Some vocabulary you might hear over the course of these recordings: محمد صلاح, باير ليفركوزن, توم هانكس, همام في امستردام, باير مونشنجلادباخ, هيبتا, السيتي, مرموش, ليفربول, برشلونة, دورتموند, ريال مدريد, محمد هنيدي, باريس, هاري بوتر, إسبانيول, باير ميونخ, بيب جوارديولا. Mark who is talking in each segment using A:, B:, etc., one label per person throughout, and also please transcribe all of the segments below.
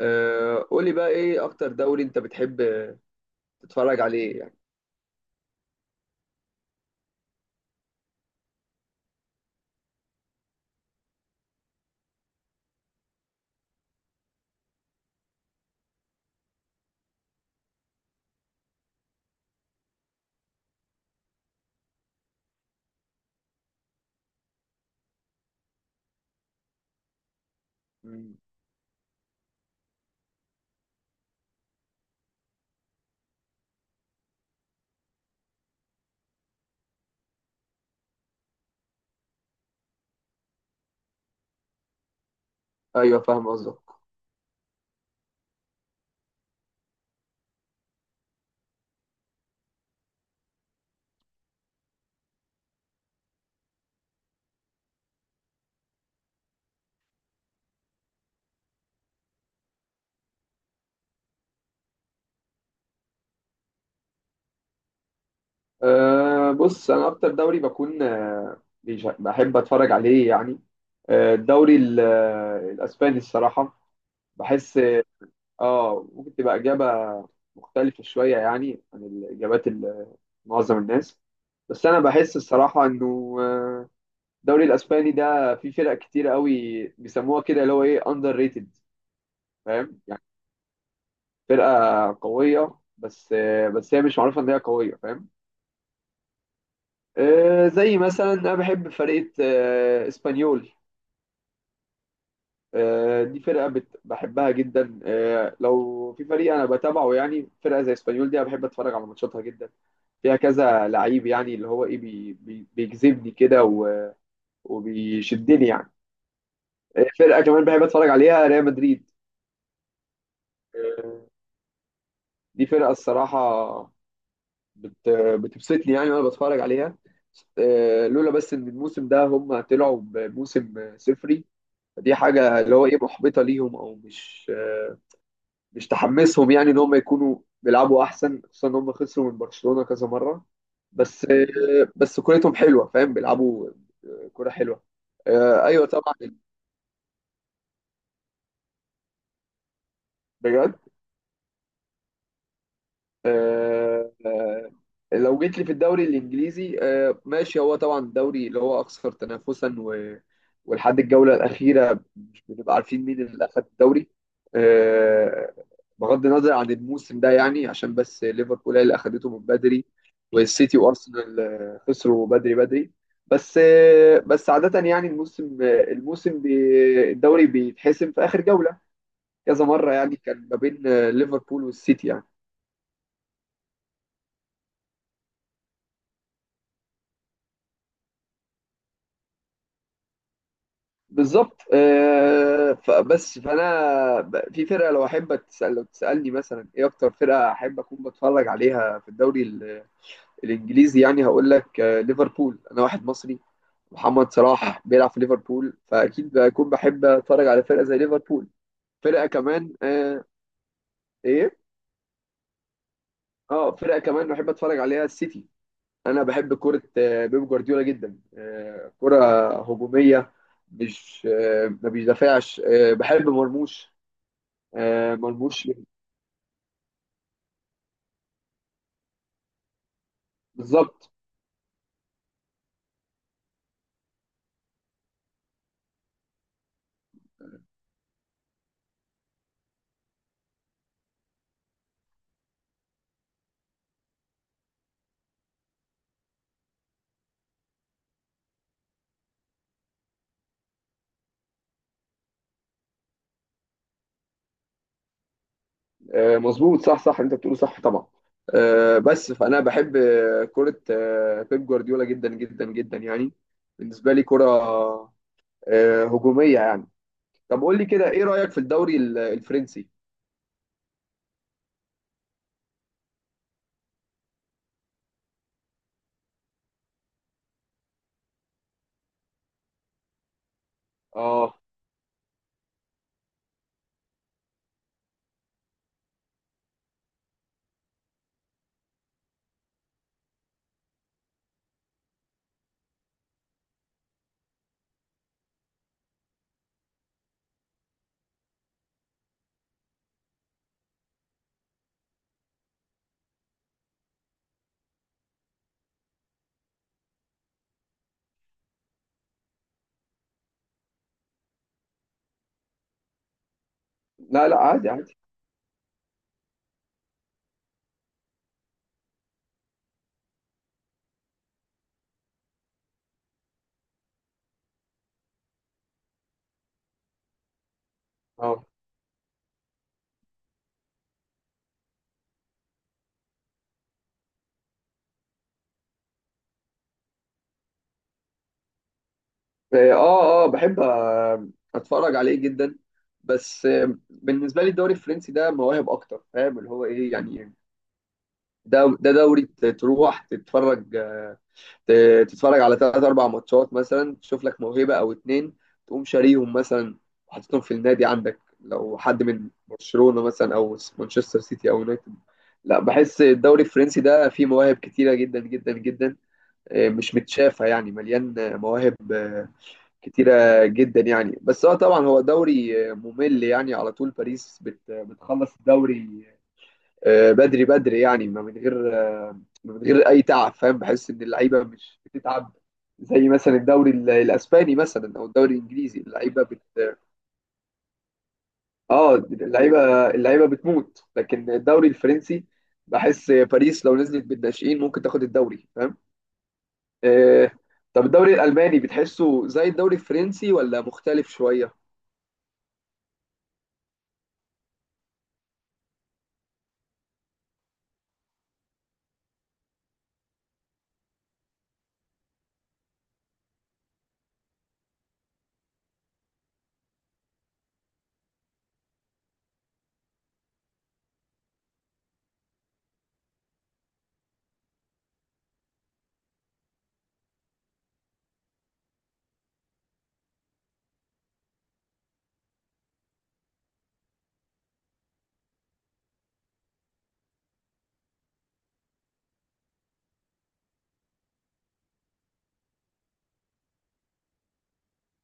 A: قولي بقى ايه اكتر دوري انت بتحب تتفرج عليه يعني. مم. ايوه، فاهم قصدك. بص انا اكتر دوري بكون بحب اتفرج عليه يعني. آه، الدوري ال- آه، الاسباني الصراحه. بحس اه ممكن تبقى اجابه مختلفه شويه يعني عن الاجابات معظم الناس. بس انا بحس الصراحه انه الدوري الاسباني ده فيه فرق كتير قوي بيسموها كده اللي هو ايه اندر ريتد، فاهم. فرقة قوية بس هي مش معروفة إن هي قوية، فاهم. زي مثلا أنا بحب فرقة إسبانيول. دي بحبها جدا. لو في فريق أنا بتابعه يعني فرقة زي إسبانيول دي، أنا بحب أتفرج على ماتشاتها جدا. فيها كذا لعيب يعني اللي هو إيه بيجذبني كده وبيشدني يعني. فرقة كمان بحب أتفرج عليها، ريال مدريد. آه، دي فرقة الصراحة بت... بتبسطني يعني وانا بتفرج عليها. لولا بس ان الموسم ده هم طلعوا بموسم صفري. فدي حاجه اللي هو ايه محبطه ليهم، او مش تحمسهم يعني ان هم يكونوا بيلعبوا احسن، خصوصا ان هم خسروا من برشلونه كذا مره. بس كورتهم حلوه، فاهم، بيلعبوا كوره حلوه. ايوه طبعا، بجد. آه، آه، لو جيت لي في الدوري الانجليزي، ماشي، هو طبعا الدوري اللي هو اكثر تنافسا، ولحد الجوله الاخيره مش بنبقى عارفين مين اللي اخذ الدوري. آه، بغض النظر عن الموسم ده يعني، عشان بس ليفربول هي اللي اخذته من بدري، والسيتي وارسنال خسروا بدري بدري. بس عاده يعني الموسم آه، الموسم بي... الدوري بيتحسم في اخر جوله كذا مره، يعني كان ما بين ليفربول والسيتي يعني. بالظبط. فبس فانا في فرقه، لو تسالني مثلا ايه اكتر فرقه احب اكون بتفرج عليها في الدوري الانجليزي يعني، هقول لك ليفربول. انا واحد مصري، محمد صلاح بيلعب في ليفربول، فاكيد بكون بحب اتفرج على فرقه زي ليفربول. فرقه كمان آه ايه اه فرقه كمان بحب اتفرج عليها، السيتي. انا بحب كره بيب جوارديولا جدا. كره هجوميه، مش آه، ما بيدافعش. بحب مرموش ملبوش. بالظبط. مظبوط، صح صح، انت بتقوله صح طبعا. بس فانا بحب كرة بيب جوارديولا جدا جدا جدا يعني. بالنسبة لي كرة هجومية يعني. طب قول لي كده، ايه رأيك في الدوري الفرنسي؟ اه لا لا، عادي عادي. اه اه اه، بحب اتفرج عليه جدا. بس بالنسبة لي الدوري الفرنسي ده مواهب اكتر، فاهم اللي هو ايه يعني. ده دوري تروح تتفرج، تتفرج على ثلاث اربع ماتشات مثلا، تشوف لك موهبه او اتنين، تقوم شاريهم مثلا وحاططهم في النادي عندك، لو حد من برشلونه مثلا او مانشستر سيتي او يونايتد. لا، بحس الدوري الفرنسي ده فيه مواهب كتيره جدا جدا جدا. مش متشافه يعني، مليان مواهب كتيره جدا يعني. بس هو طبعا هو دوري ممل يعني. على طول باريس بتخلص الدوري بدري بدري يعني، ما من غير اي تعب، فاهم. بحس ان اللعيبه مش بتتعب، زي مثلا الدوري الاسباني مثلا او الدوري الانجليزي اللعيبه بت. اللعيبه بتموت. لكن الدوري الفرنسي، بحس باريس لو نزلت بالناشئين ممكن تاخد الدوري، فاهم. آه، طب الدوري الالماني بتحسه زي الدوري الفرنسي ولا مختلف شويه؟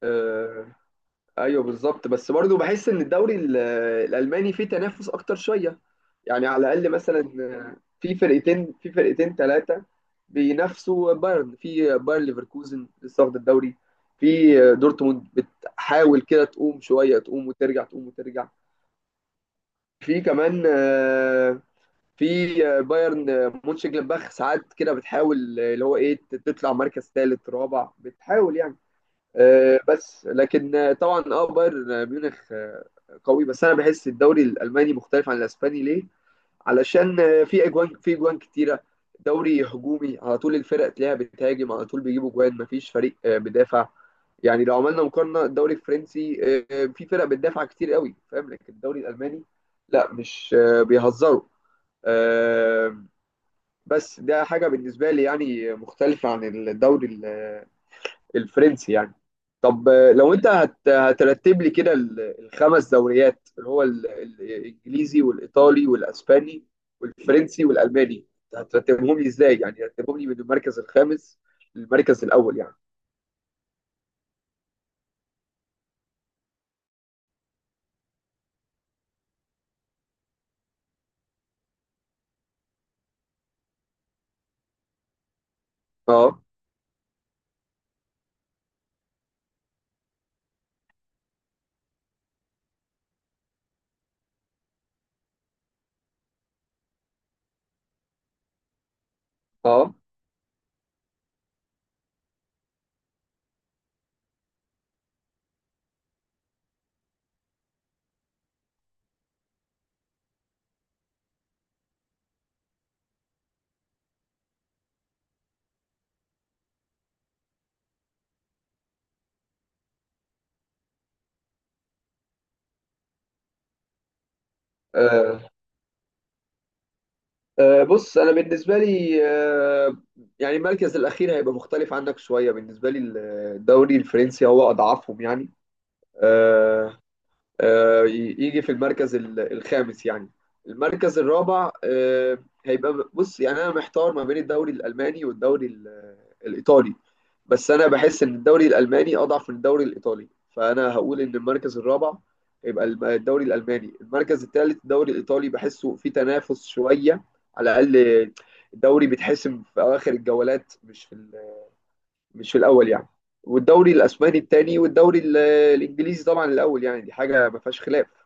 A: آه، ايوه بالظبط. بس برضه بحس ان الدوري الالماني فيه تنافس اكتر شويه، يعني على الاقل مثلا في فرقتين ثلاثه بينافسوا بايرن. في بايرن ليفركوزن لسه واخد الدوري، في دورتموند بتحاول كده تقوم شويه، تقوم وترجع تقوم وترجع. في كمان في بايرن مونشنجلادباخ ساعات كده بتحاول اللي هو ايه تطلع مركز ثالث رابع، بتحاول يعني. بس لكن طبعا اه بايرن ميونخ قوي. بس انا بحس الدوري الالماني مختلف عن الاسباني، ليه؟ علشان في اجوان كتيره. دوري هجومي على طول، الفرق تلاقيها بتهاجم على طول، بيجيبوا جوان، مفيش فريق بيدافع. يعني لو عملنا مقارنه، الدوري الفرنسي في فرق بتدافع كتير قوي، فاهم. لكن الدوري الالماني لا، مش آه، بيهزروا. آه، بس ده حاجه بالنسبه لي يعني مختلفه عن الدوري الفرنسي يعني. طب لو انت هترتب لي كده الخمس دوريات اللي هو الانجليزي والايطالي والاسباني والفرنسي والالماني، هترتبهم لي ازاي؟ يعني هترتبهم لي من المركز الخامس للمركز الاول يعني. اه اه. آه، بص انا بالنسبه لي يعني المركز الاخير هيبقى مختلف عنك شويه. بالنسبه لي الدوري الفرنسي هو اضعفهم يعني. آه، يجي في المركز الخامس يعني. المركز الرابع هيبقى، بص يعني انا محتار ما بين الدوري الالماني والدوري الايطالي. بس انا بحس ان الدوري الالماني اضعف من الدوري الايطالي، فانا هقول ان المركز الرابع هيبقى الدوري الالماني، المركز الثالث الدوري الايطالي بحسه في تنافس شويه على الاقل، الدوري بيتحسم في اواخر الجولات، مش في مش في الاول يعني. والدوري الاسباني الثاني، والدوري الانجليزي طبعا الاول يعني. دي حاجه ما فيهاش خلاف.